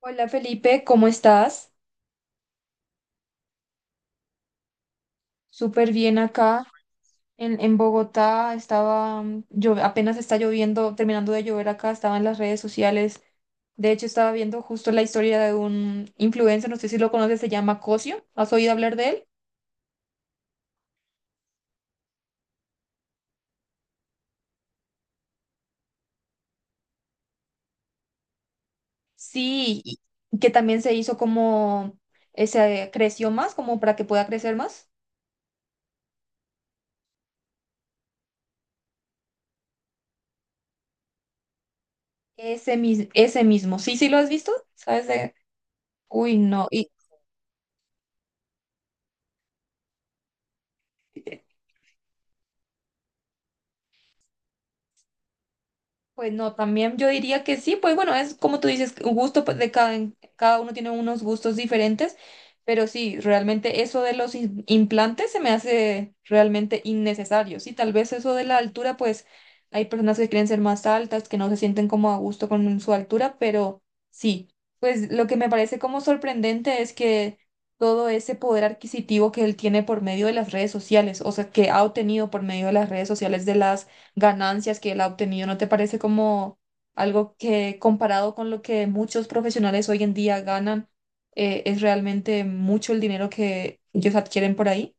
Hola Felipe, ¿cómo estás? Súper bien acá en Bogotá. Yo apenas está lloviendo, terminando de llover acá, estaba en las redes sociales. De hecho, estaba viendo justo la historia de un influencer, no sé si lo conoces, se llama Cosio. ¿Has oído hablar de él? Sí, y que también se hizo como, se creció más, como para que pueda crecer más. Ese mismo. Sí, sí lo has visto, ¿sabes? Uy, no. Y pues no, también yo diría que sí, pues bueno, es como tú dices, un gusto pues, cada uno tiene unos gustos diferentes, pero sí, realmente eso de los implantes se me hace realmente innecesario, sí, tal vez eso de la altura, pues hay personas que quieren ser más altas, que no se sienten como a gusto con su altura, pero sí, pues lo que me parece como sorprendente es que todo ese poder adquisitivo que él tiene por medio de las redes sociales, o sea, que ha obtenido por medio de las redes sociales, de las ganancias que él ha obtenido, ¿no te parece como algo que comparado con lo que muchos profesionales hoy en día ganan, es realmente mucho el dinero que ellos adquieren por ahí?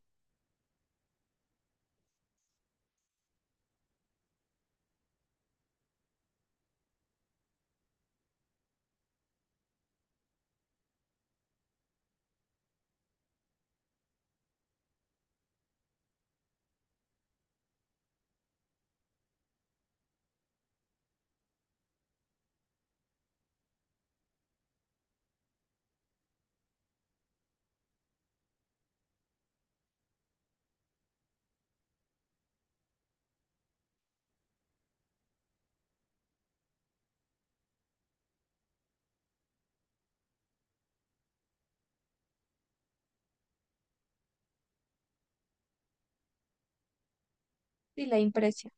Sí, la impresión.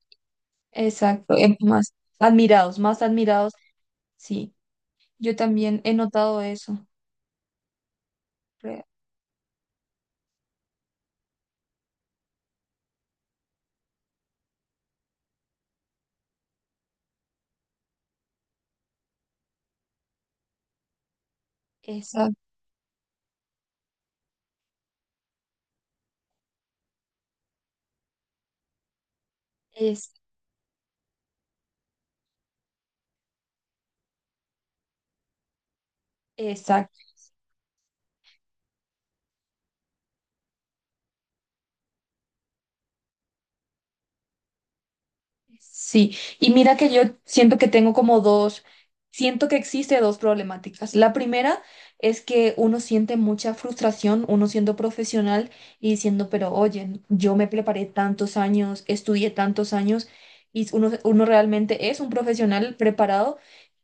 Más admirados, más admirados. Sí, yo también he notado eso. Re- Exacto, es, exacto. Sí, y mira que yo siento que tengo como dos, siento que existe dos problemáticas. La primera es que uno siente mucha frustración, uno siendo profesional y diciendo, pero oye, yo me preparé tantos años, estudié tantos años y uno realmente es un profesional preparado,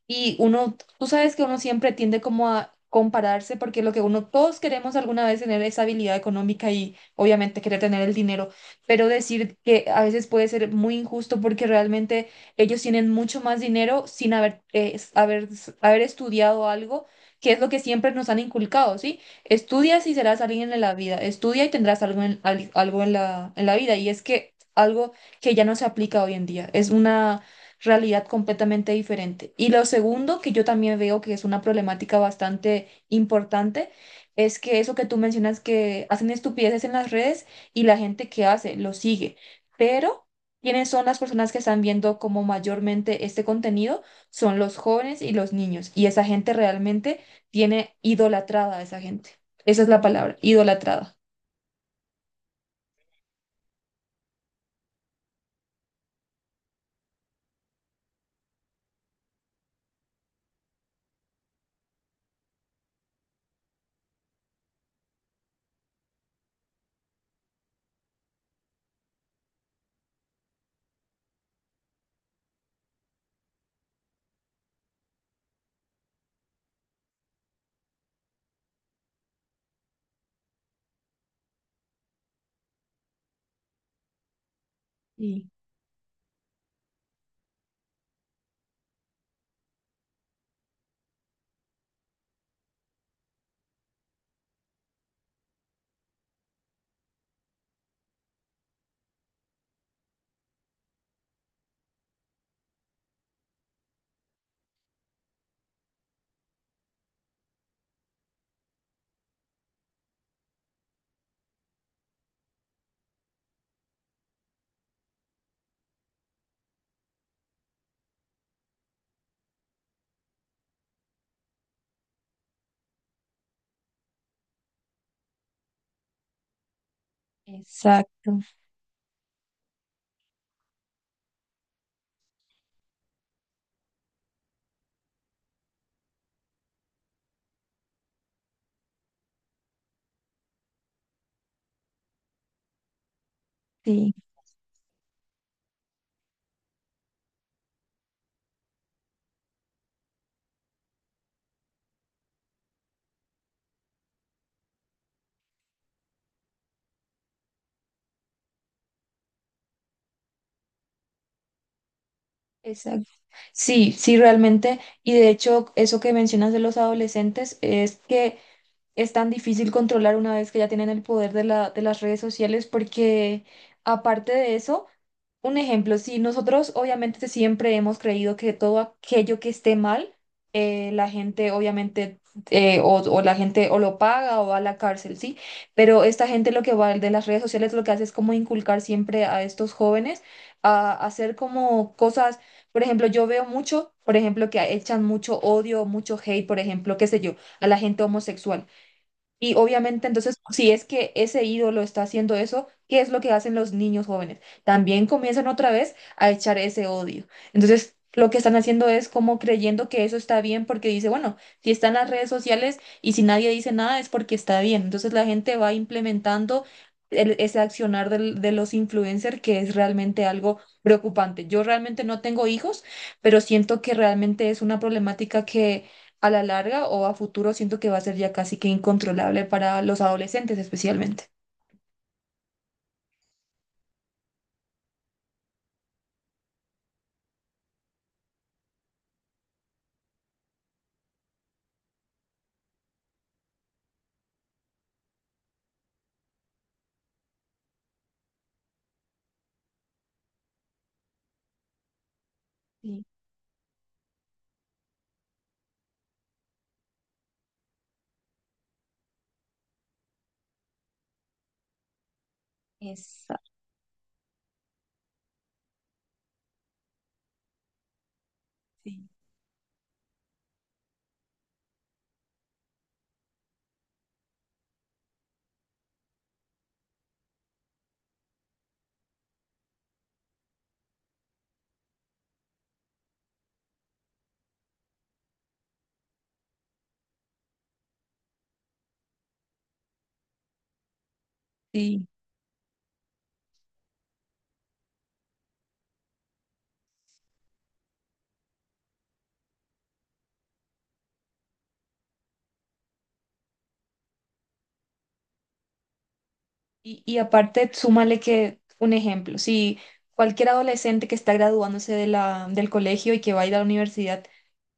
y uno, tú sabes que uno siempre tiende como a compararse porque lo que uno, todos queremos alguna vez tener esa habilidad económica y obviamente querer tener el dinero, pero decir que a veces puede ser muy injusto porque realmente ellos tienen mucho más dinero sin haber, haber estudiado algo, que es lo que siempre nos han inculcado, ¿sí? Estudias y serás alguien en la vida, estudia y tendrás algo algo en la vida, y es que algo que ya no se aplica hoy en día, es una realidad completamente diferente. Y lo segundo, que yo también veo que es una problemática bastante importante, es que eso que tú mencionas, que hacen estupideces en las redes y la gente que hace lo sigue, pero ¿quiénes son las personas que están viendo como mayormente este contenido? Son los jóvenes y los niños, y esa gente realmente tiene idolatrada a esa gente. Esa es la palabra, idolatrada. Sí, exacto, sí. Exacto. Sí, sí, realmente. Y de hecho, eso que mencionas de los adolescentes, es que es tan difícil controlar una vez que ya tienen el poder de las redes sociales, porque aparte de eso, un ejemplo, si nosotros obviamente siempre hemos creído que todo aquello que esté mal, la gente obviamente o la gente o lo paga o va a la cárcel, ¿sí? Pero esta gente, lo que va de las redes sociales, lo que hace es como inculcar siempre a estos jóvenes a hacer como cosas, por ejemplo, yo veo mucho, por ejemplo, que echan mucho odio, mucho hate, por ejemplo, qué sé yo, a la gente homosexual. Y obviamente, entonces, si es que ese ídolo está haciendo eso, ¿qué es lo que hacen los niños jóvenes? También comienzan otra vez a echar ese odio. Entonces, lo que están haciendo es como creyendo que eso está bien porque dice, bueno, si están las redes sociales y si nadie dice nada, es porque está bien. Entonces, la gente va implementando ese accionar de los influencers, que es realmente algo preocupante. Yo realmente no tengo hijos, pero siento que realmente es una problemática que a la larga o a futuro siento que va a ser ya casi que incontrolable para los adolescentes especialmente. Sí. Exacto. Sí, sí. Y aparte, súmale que un ejemplo, si cualquier adolescente que está graduándose de la, del colegio y que va a ir a la universidad,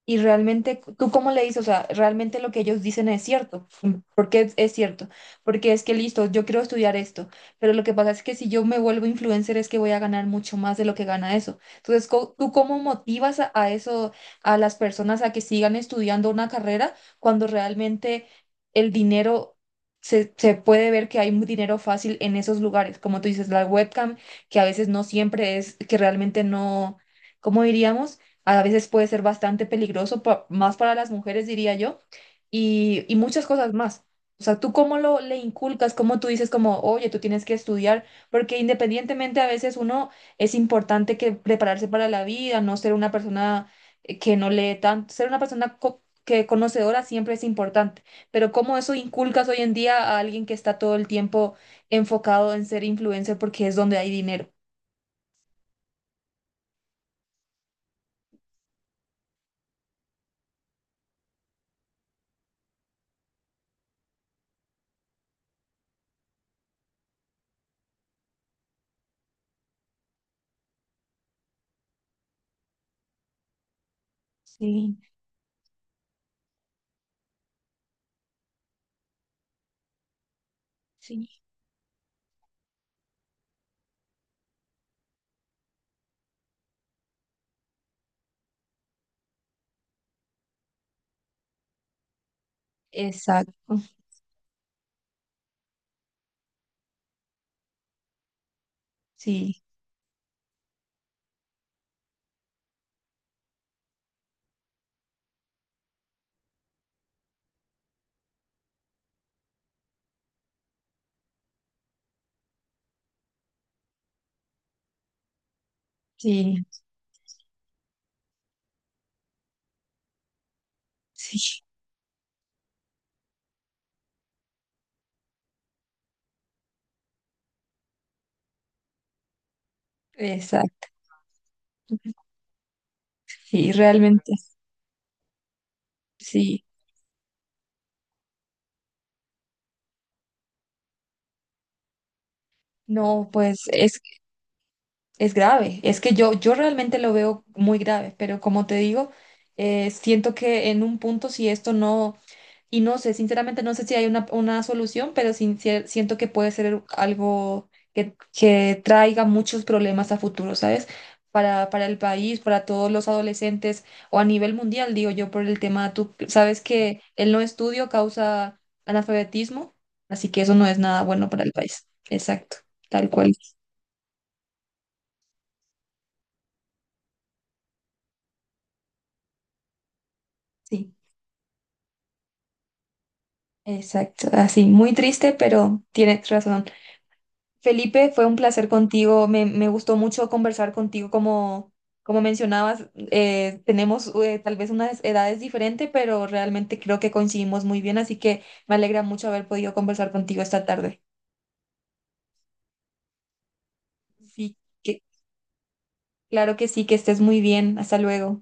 y realmente, ¿tú cómo le dices? O sea, realmente lo que ellos dicen es cierto. ¿Es cierto? Porque es que listo, yo quiero estudiar esto, pero lo que pasa es que si yo me vuelvo influencer es que voy a ganar mucho más de lo que gana eso. Entonces, ¿tú cómo motivas a eso, a las personas a que sigan estudiando una carrera cuando realmente el dinero... Se puede ver que hay un dinero fácil en esos lugares, como tú dices, la webcam, que a veces no siempre es, que realmente no, ¿cómo diríamos? A veces puede ser bastante peligroso, más para las mujeres, diría yo, y muchas cosas más. O sea, tú cómo lo le inculcas, cómo tú dices, como, oye, tú tienes que estudiar, porque independientemente a veces uno, es importante que prepararse para la vida, no ser una persona que no lee tanto, ser una persona que conocedora siempre es importante, pero cómo eso inculcas hoy en día a alguien que está todo el tiempo enfocado en ser influencer porque es donde hay dinero. Sí, sí, exacto. Sí, sí. Sí, exacto. Sí, realmente, sí. No, pues es grave. Es que yo realmente lo veo muy grave, pero como te digo, siento que en un punto, si esto no... Y no sé, sinceramente no sé si hay una solución, pero siento que puede ser algo que traiga muchos problemas a futuro, ¿sabes? Para el país, para todos los adolescentes o a nivel mundial, digo yo, por el tema, tú sabes que el no estudio causa analfabetismo, así que eso no es nada bueno para el país. Exacto, tal cual. Sí, exacto. Así, muy triste, pero tienes razón. Felipe, fue un placer contigo. Me gustó mucho conversar contigo. Como, como mencionabas, tenemos tal vez unas edades diferentes, pero realmente creo que coincidimos muy bien. Así que me alegra mucho haber podido conversar contigo esta tarde. Sí, que, claro que sí, que estés muy bien. Hasta luego.